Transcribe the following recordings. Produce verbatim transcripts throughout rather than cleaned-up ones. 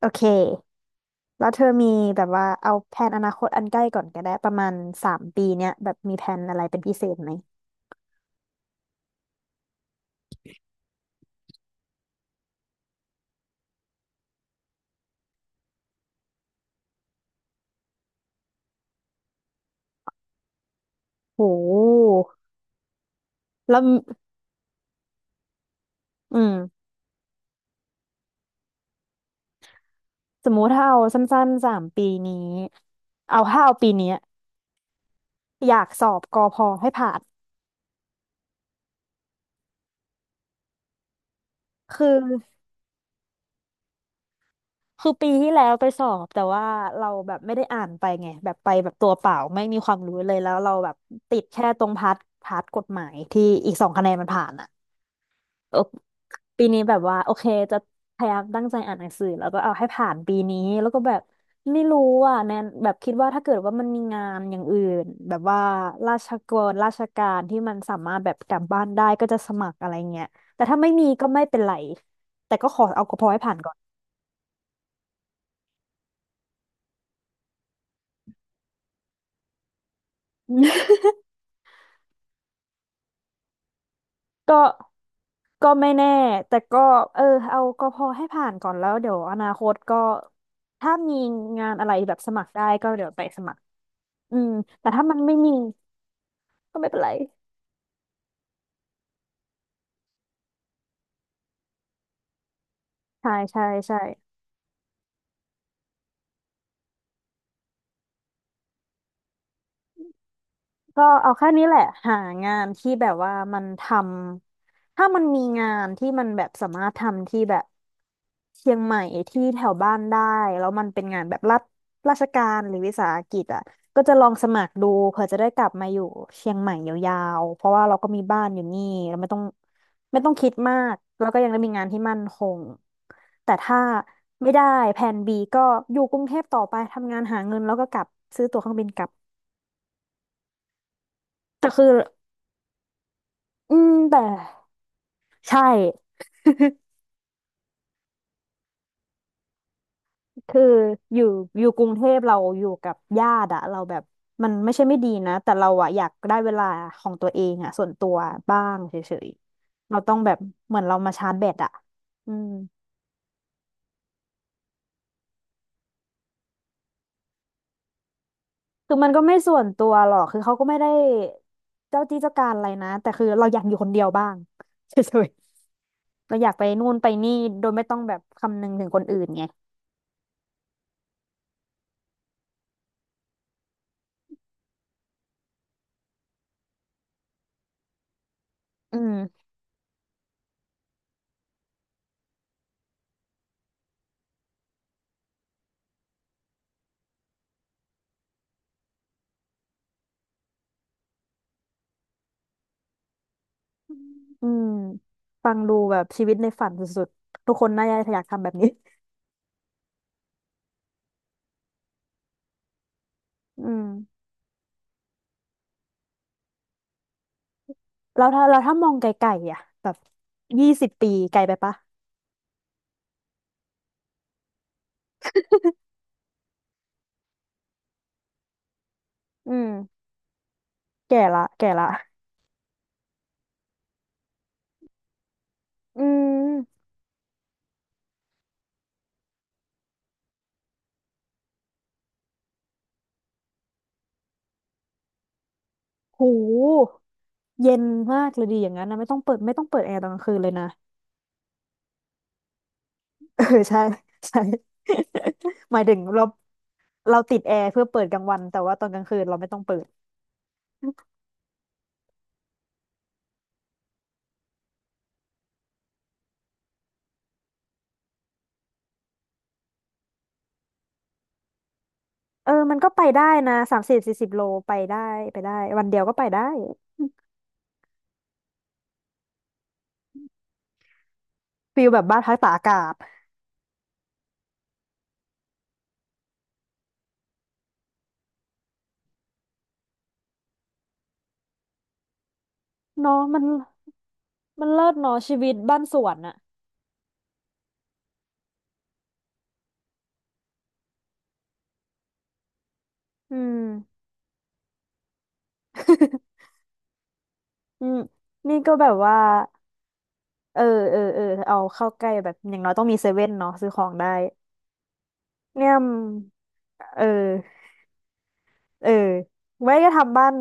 โอเค แล้วเธอมีแบบว่าเอาแผนอนาคตอันใกล้ก่อนก็ได้ประมาณสามปีเนี้ยแบบมีแผนอะไรเป็นพิเศษไหมโหแล้วอืมสมมุติถ้าเอาสั้นๆสามปีนี้เอาถ้าเอาปีเนี้ยอยากสอบกอพอให้ผ่าน คือ คือปีที่แล้วไปสอบแต่ว่าเราแบบไม่ได้อ่านไปไงแบบไปแบบตัวเปล่าไม่มีความรู้เลยแล้วเราแบบติดแค่ตรงพาร์ทพาร์ทกฎหมายที่อีกสองคะแนนมันผ่านอ่ะเออปีนี้แบบว่าโอเคจะพยายามตั้งใจอ่านหนังสือแล้วก็เอาให้ผ่านปีนี้แล้วก็แบบไม่รู้อ่ะแนนแบบคิดว่าถ้าเกิดว่ามันมีงานอย่างอื่นแบบว่าราชกรราชการที่มันสามารถแบบกลับบ้านได้ก็จะสมัครอะไรเงี้ยแต่ถ้าไม่มีก็ไม่เป็นไรแต่ก็ขอเอาพอให้ผ่านก่อน ก็ ก็ไม่แน่แต่ก็เออเอาก็พอให้ผ่านก่อนแล้วเดี๋ยวอนาคตก็ถ้ามีงานอะไรแบบสมัครได้ก็เดี๋ยวไปสมัครอืมแต่ถ้ามันไม่มีก็ไม่เป็นไรใช่ใช่ใช่ ก็เอาแค่นี้แหละหางานที่แบบว่ามันทำถ้ามันมีงานที่มันแบบสามารถทำที่แบบเชียงใหม่ที่แถวบ้านได้แล้วมันเป็นงานแบบรัฐราชการหรือวิสาหกิจอ่ะก็จะลองสมัครดูเผื่อจะได้กลับมาอยู่เชียงใหม่ยาวๆเพราะว่าเราก็มีบ้านอยู่นี่เราไม่ต้องไม่ต้องคิดมากแล้วก็ยังได้มีงานที่มั่นคงแต่ถ้าไม่ได้แผน B ก็อยู่กรุงเทพต่อไปทำงานหาเงินแล้วก็กลับซื้อตั๋วเครื่องบินกลับแต่คือ อืมแต่ใช่ คืออยู่อยู่กรุงเทพเราอยู่กับญาติอะเราแบบมันไม่ใช่ไม่ดีนะแต่เราอะอยากได้เวลาของตัวเองอะส่วนตัวบ้างเฉยๆเราต้องแบบเหมือนเรามาชาร์จแบตอะอืมคือมันก็ไม่ส่วนตัวหรอกคือเขาก็ไม่ได้เจ้าที่เจ้าการอะไรนะแต่คือเราอยากอยู่คนเดียวบ้าง เฉยๆเราอยากไปนู่นไปนี่โดยไม่ต้องแบบคำนึงถึงคนอื่นไงอืม อืมฟังดูแบบชีวิตในฝันสุดๆ ทุกคนน่าจะอยากทำแบบนี้อืมแล้วถ้าเราถ้ามองไกลๆอ่ะแบบยี่สิบปีไกลไปปะอืมแก่ละแก่ละอืมหูเย็นมากเลยดีอย่างนั้นนะไม่ต้องเปิดไม่ต้องเปิดแอร์ตอนกลางคืนเลยนะ เออใช่ใช่ หมายถึงเราเราติดแอร์เพื่อเปิดกลางวันแต่ว่าตอนกลางคืนเราไม่ต้องเปิดเออมันก็ไปได้นะสามสิบสี่สิบโลไปได้ไปได้วันเดียวก็ไปได้ ฟีลแบบบ้านพักตากอากาศเนาะมันมันเลิศเนาะชีวิตบ้านสวนอะอืม อืมนี่ก็แบบว่าเออเออเออเอาเข้าใกล้แบบอย่างน้อยต้องมีเซเว่นเนาะซื้อของได้เนี่ยมเออเออไว้ก็ทำบ้าน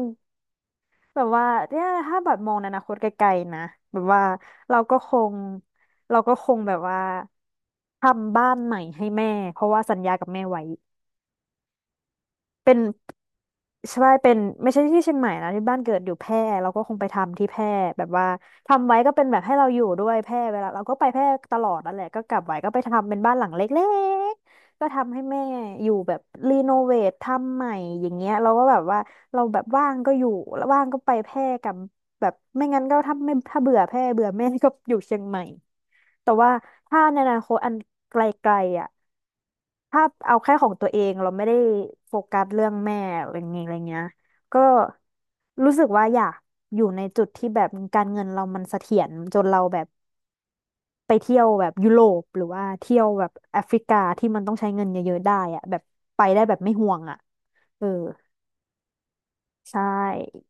แบบว่าเนี่ยถ้าแบบมองในอนาคตไกลๆนะแบบว่าเราก็คงเราก็คงแบบว่าทำบ้านใหม่ให้แม่เพราะว่าสัญญากับแม่ไว้ เป็นใช่เป็นไม่ใช่ที่เชียงใหม่นะที่บ้านเกิดอยู่แพร่เราก็คงไปทำที่แพร่แบบว่าทำไว้ก็เป็นแบบให้เราอยู่ด้วยแพร่เวลาเราก็ไปแพร่ตลอดนั่นแหละก็กลับไว้ก็ไปทำเป็นบ้านหลังเล็กๆก็ทำให้แม่อยู่แบบรีโนเวททำใหม่อย่างเงี้ยเราก็แบบว่าเราแบบว่างก็อยู่แล้วว่างก็ไปแพร่กับแบบไม่งั้นก็ถ้าไม่ถ้าเบื่อแพร่เบื่อแม่ก็อยู่เชียงใหม่แต่ว่าถ้าในอนาคตอันไกลๆอ่ะ ถ้าเอาแค่ของตัวเองเราไม่ได้โฟกัสเรื่องแม่อะไรเงี้ยอะไรเงี้ยก็รู้สึกว่าอยากอยู่ในจุดที่แบบการเงินเรามันเสถียรจนเราแบบไปเที่ยวแบบยุโรปหรือว่าเที่ยวแบบแอฟริกาที่มันต้องใช้เงินเยอะๆได้อะแบบไปได้แบบไม่ห่วงอะเออใช่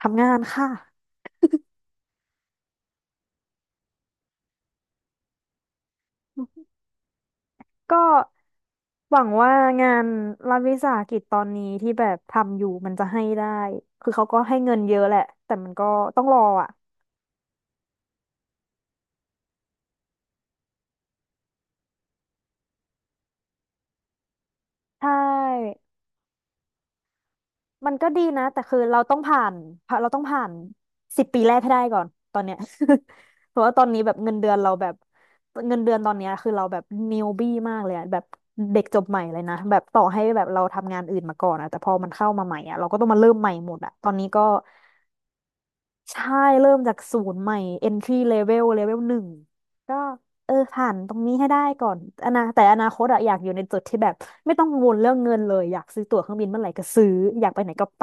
ทำงานค่ะก็หวังว่างานรัฐวิสาหกิจตอนนี้ที่แบบทำอยู่มันจะให้ได้คือเขาก็ให้เงินเยอะแหละแต่มันก็ต้องรออ่ะใช่ มันก็ดีนะแต่คือเราต้องผ่านเราต้องผ่านสิบปีแรกให้ได้ก่อนตอนเนี้ย เพราะว่าตอนนี้แบบเงินเดือนเราแบบเงินเดือนตอนเนี้ยคือเราแบบนิวบี้มากเลยอะแบบเด็กจบใหม่เลยนะแบบต่อให้แบบเราทำงานอื่นมาก่อนอะแต่พอมันเข้ามาใหม่อะเราก็ต้องมาเริ่มใหม่หมดอะตอนนี้ก็ ใช่เริ่มจากศูนย์ใหม่ entry level level หนึ่งก็เออผ่านตรงนี้ให้ได้ก่อนอนาแต่อนาคตอะอยากอยู่ในจุดที่แบบไม่ต้องกังวลเรื่องเงินเลยอยากซื้อตั๋วเครื่องบินเมื่อไหร่ก็ซื้ออยากไปไหนก็ไป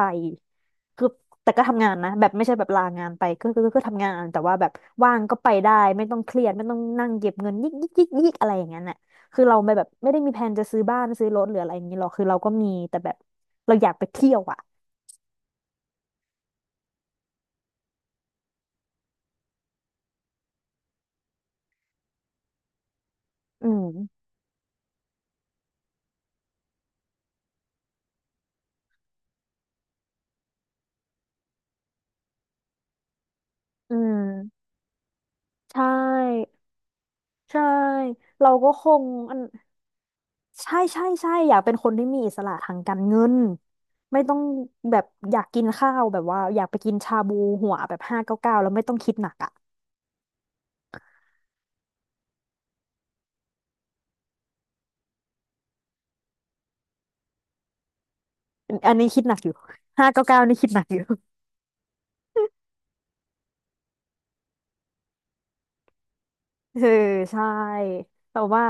คือแต่ก็ทำงานนะแบบไม่ใช่แบบลางานไปก็ก็ก็ก็ทำงานแต่ว่าแบบว่างก็ไปได้ไม่ต้องเครียดไม่ต้องนั่งเก็บเงินยิกยิกยิกยิกอะไรอย่างนั้นน่ะคือเราไม่แบบไม่ได้มีแผนจะซื้อบ้านซื้อรถหรืออะไรอย่างนี้หรอกคือเราก็มีแต่แบบเราอยากไปเที่ยวอะอืมอืมใช่ ใช่ เราก็คงอันใช่ใช่ใช่อยากเป็นคนที่มีอิสระทางการเงินไม่ต้องแบบอยากกินข้าวแบบว่าอยากไปกินชาบูหัวแบบห้าเก้าเก้าแล้วไม่ต้องคิดหนักอ่ะอันนี้คิดหนักอยู่ห้าเก้าเก้านี่คิดหนักอยู่เออใช่แต่ว่า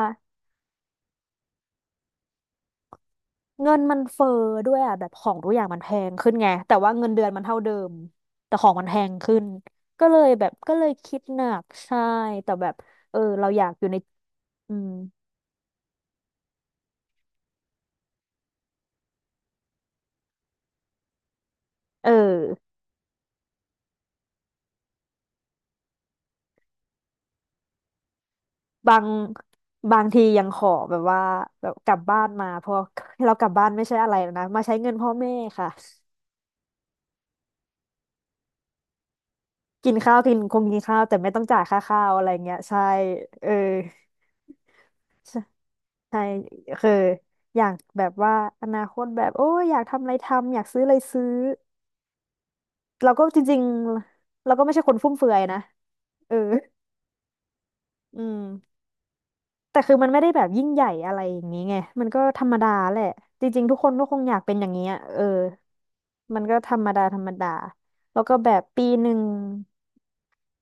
เงินมันเฟ้อด้วยอ่ะแบบของทุกอย่างมันแพงขึ้นไงแต่ว่าเงินเดือนมันเท่าเดิมแต่ของมันแพงขึ้นก็เลยแบบก็เลยคิดหนักใช่แต่แบบเออเราอยากอยู่ในอืมเออ บางบางทียังขอแบบว่าแบบกลับบ้านมาเพอเรากลับบ้านไม่ใช่อะไรแล้วนะมาใช้เงินพ่อแม่ค่ะกินข้าวกินคงกินข้าวแต่ไม่ต้องจ่ายค่าข้าวอะไรเงี้ยใช่เออใช่ใช่คืออยากแบบว่าอนาคตแบบโอ้ยอยากทำอะไรทำอยากซื้ออะไรซื้อเราก็จริงๆเราก็ไม่ใช่คนฟุ่มเฟือยนะเอออืม แต่คือมันไม่ได้แบบยิ่งใหญ่อะไรอย่างนี้ไงมันก็ธรรมดาแหละ จริงๆทุกคนก็คงอยากเป็นอย่างนี้อะเออมันก็ธรรมดาธรรมดาแล้วก็แบบปีหนึ่ง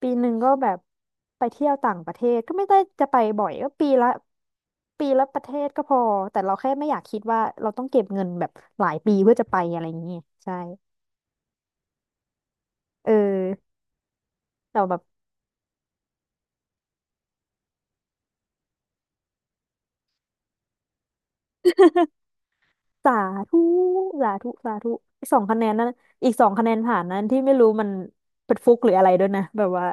ปีหนึ่งก็แบบไปเที่ยวต่างประเทศก็ไม่ได้จะไปบ่อยก็ปีละปีละประเทศก็พอแต่เราแค่ไม่อยากคิดว่าเราต้องเก็บเงินแบบหลายปีเพื่อจะไปอะไรอย่างนี้ใช่เออแต่แบบ สาธุสาธุสาธุอีกสองคะแนนนั้นอีกสองคะแนนผ่านนั้นที่ไม่รู้มันเป็นฟุกหรืออะไรด้วยนะ แบบว่า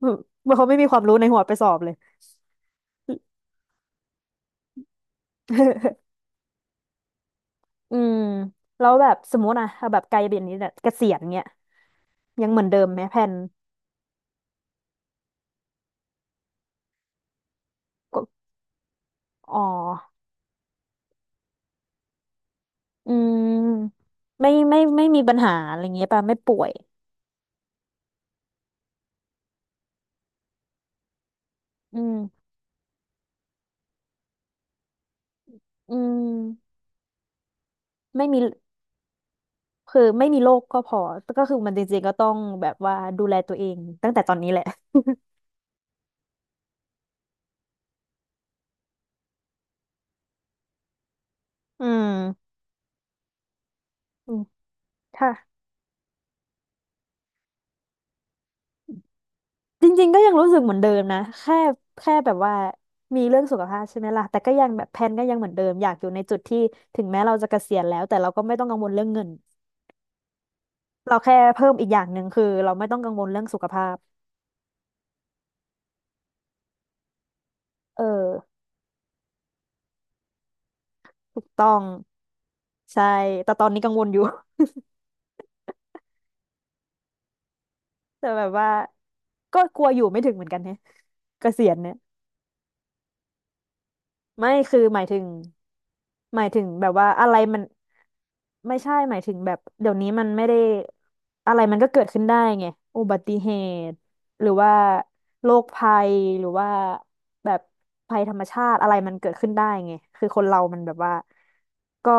เหมือนเขาไม่มีความรู้ในหัวไปสอบเลย อืมแล้วแบบสมมติอะเอาแบบไกลเบียนนี้เนี่ยเกษียณเงี้ยยังเหมือนเดิมไหมแผนก็อ๋ออืมไม่ไม่ไม่มีปัญหาอะไรเงี้ยป่ะไม่ป่วยอืมอืมไม่มีคือไม่มีโรคก็พอ ก็คือมันจริงๆก็ต้องแบบว่าดูแลตัวเองตั้งแต่ตอนนี้แหละ อืมอืมค่ะ จริงๆก็ยังรู้สึกเหมือนเดิมนะ แค่แค่แบบว่ามีเรื่องสุขภาพใช่ไหมล่ะแต่ก็ยังแบบแพลนก็ยังเหมือนเดิม อยากอยู่ในจุดที่ถึงแม้เราจะเกษียณแล้วแต่เราก็ไม่ต้องกังวลเรื่องเงิน เราแค่เพิ่มอีกอย่างหนึ่งคือเราไม่ต้องกังวลเรื่องสุขภาพ เออถูกต้องใช่ แต่ตอนนี้กังวลอยู่ แต่แบบว่าก็กลัวอยู่ไม่ถึงเหมือนกันเนี่ยเกษียณเนี่ย ไม่คือหมายถึงหมายถึงแบบว่าอะไรมันไม่ใช่หมายถึงแบบเดี๋ยวนี้มันไม่ได้อะไรมันก็เกิดขึ้นได้ไงอุบัติเหตุหรือว่าโรคภัยหรือว่าแบบภัยธรรมชาติอะไรมันเกิดขึ้นได้ไงคือคนเรามันแบบว่าก็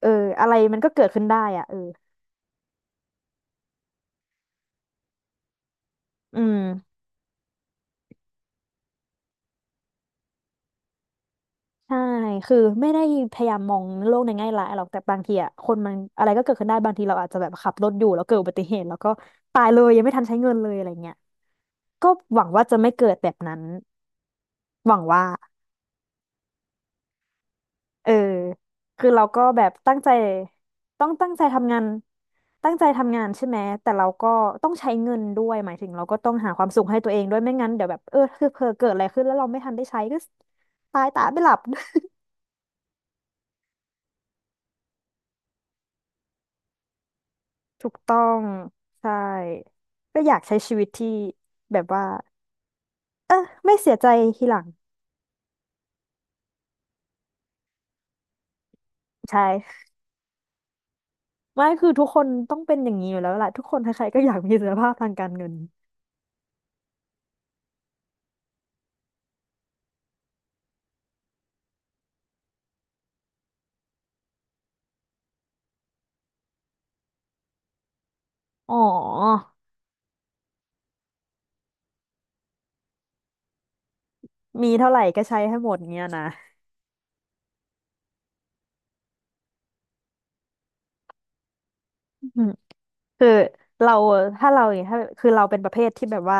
เอออะไรมันก็เกิดขึ้นได้อ่ะเอออืม ใช่คือไม่ได้พยายามมองโลกในแง่ร้ายหรอกแต่บางทีอ่ะคนมันอะไรก็เกิดขึ้นได้บางทีเราอาจจะแบบขับรถอยู่แล้วเกิดอุบัติเหตุแล้วก็ตายเลยยังไม่ทันใช้เงินเลยอะไรเงี้ยก็หวังว่าจะไม่เกิดแบบนั้นหวังว่าเออคือเราก็แบบตั้งใจต้องตั้งใจทำงานตั้งใจทำงานใช่ไหมแต่เราก็ต้องใช้เงินด้วยหมายถึงเราก็ต้องหาความสุขให้ตัวเองด้วยไม่งั้นเดี๋ยวแบบเออคือเผลอเกิดอะไรขึ้นแล้วเราไม่ทันได้ใช้ก็ตายตาไม่หลับ ถูกต้องใช่ก็อยากใช้ชีวิตที่แบบว่าเออไม่เสียใจทีหลังใช่ไม่คือทุกคนต้องเป็นอย่างนี้อยู่แล้วแหละทุกคนใครๆก็อยากมีเสถียรภาพทางการเงินอ๋อมีเท่าไหร่ก็ใช้ให้หมดเงี้ยนะ อืมคือเราถ้าเราอย่างเงี้ยถ้าคือเราเป็นประเภทที่แบบว่า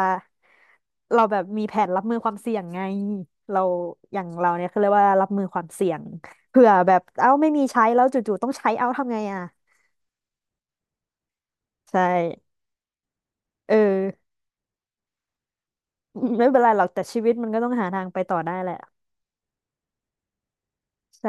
เราแบบมีแผนรับมือความเสี่ยงไงเราอย่างเราเนี่ยคือเรียกว่ารับมือความเสี่ยงเผื่อแบบเอ้าไม่มีใช้แล้วจู่ๆต้องใช้เอ้าทำไงอ่ะใช่เออ ไม่เป็นไรหรอกแต่ชีวิตมันก็ต้องหาทางไปต่อได้แหละใช่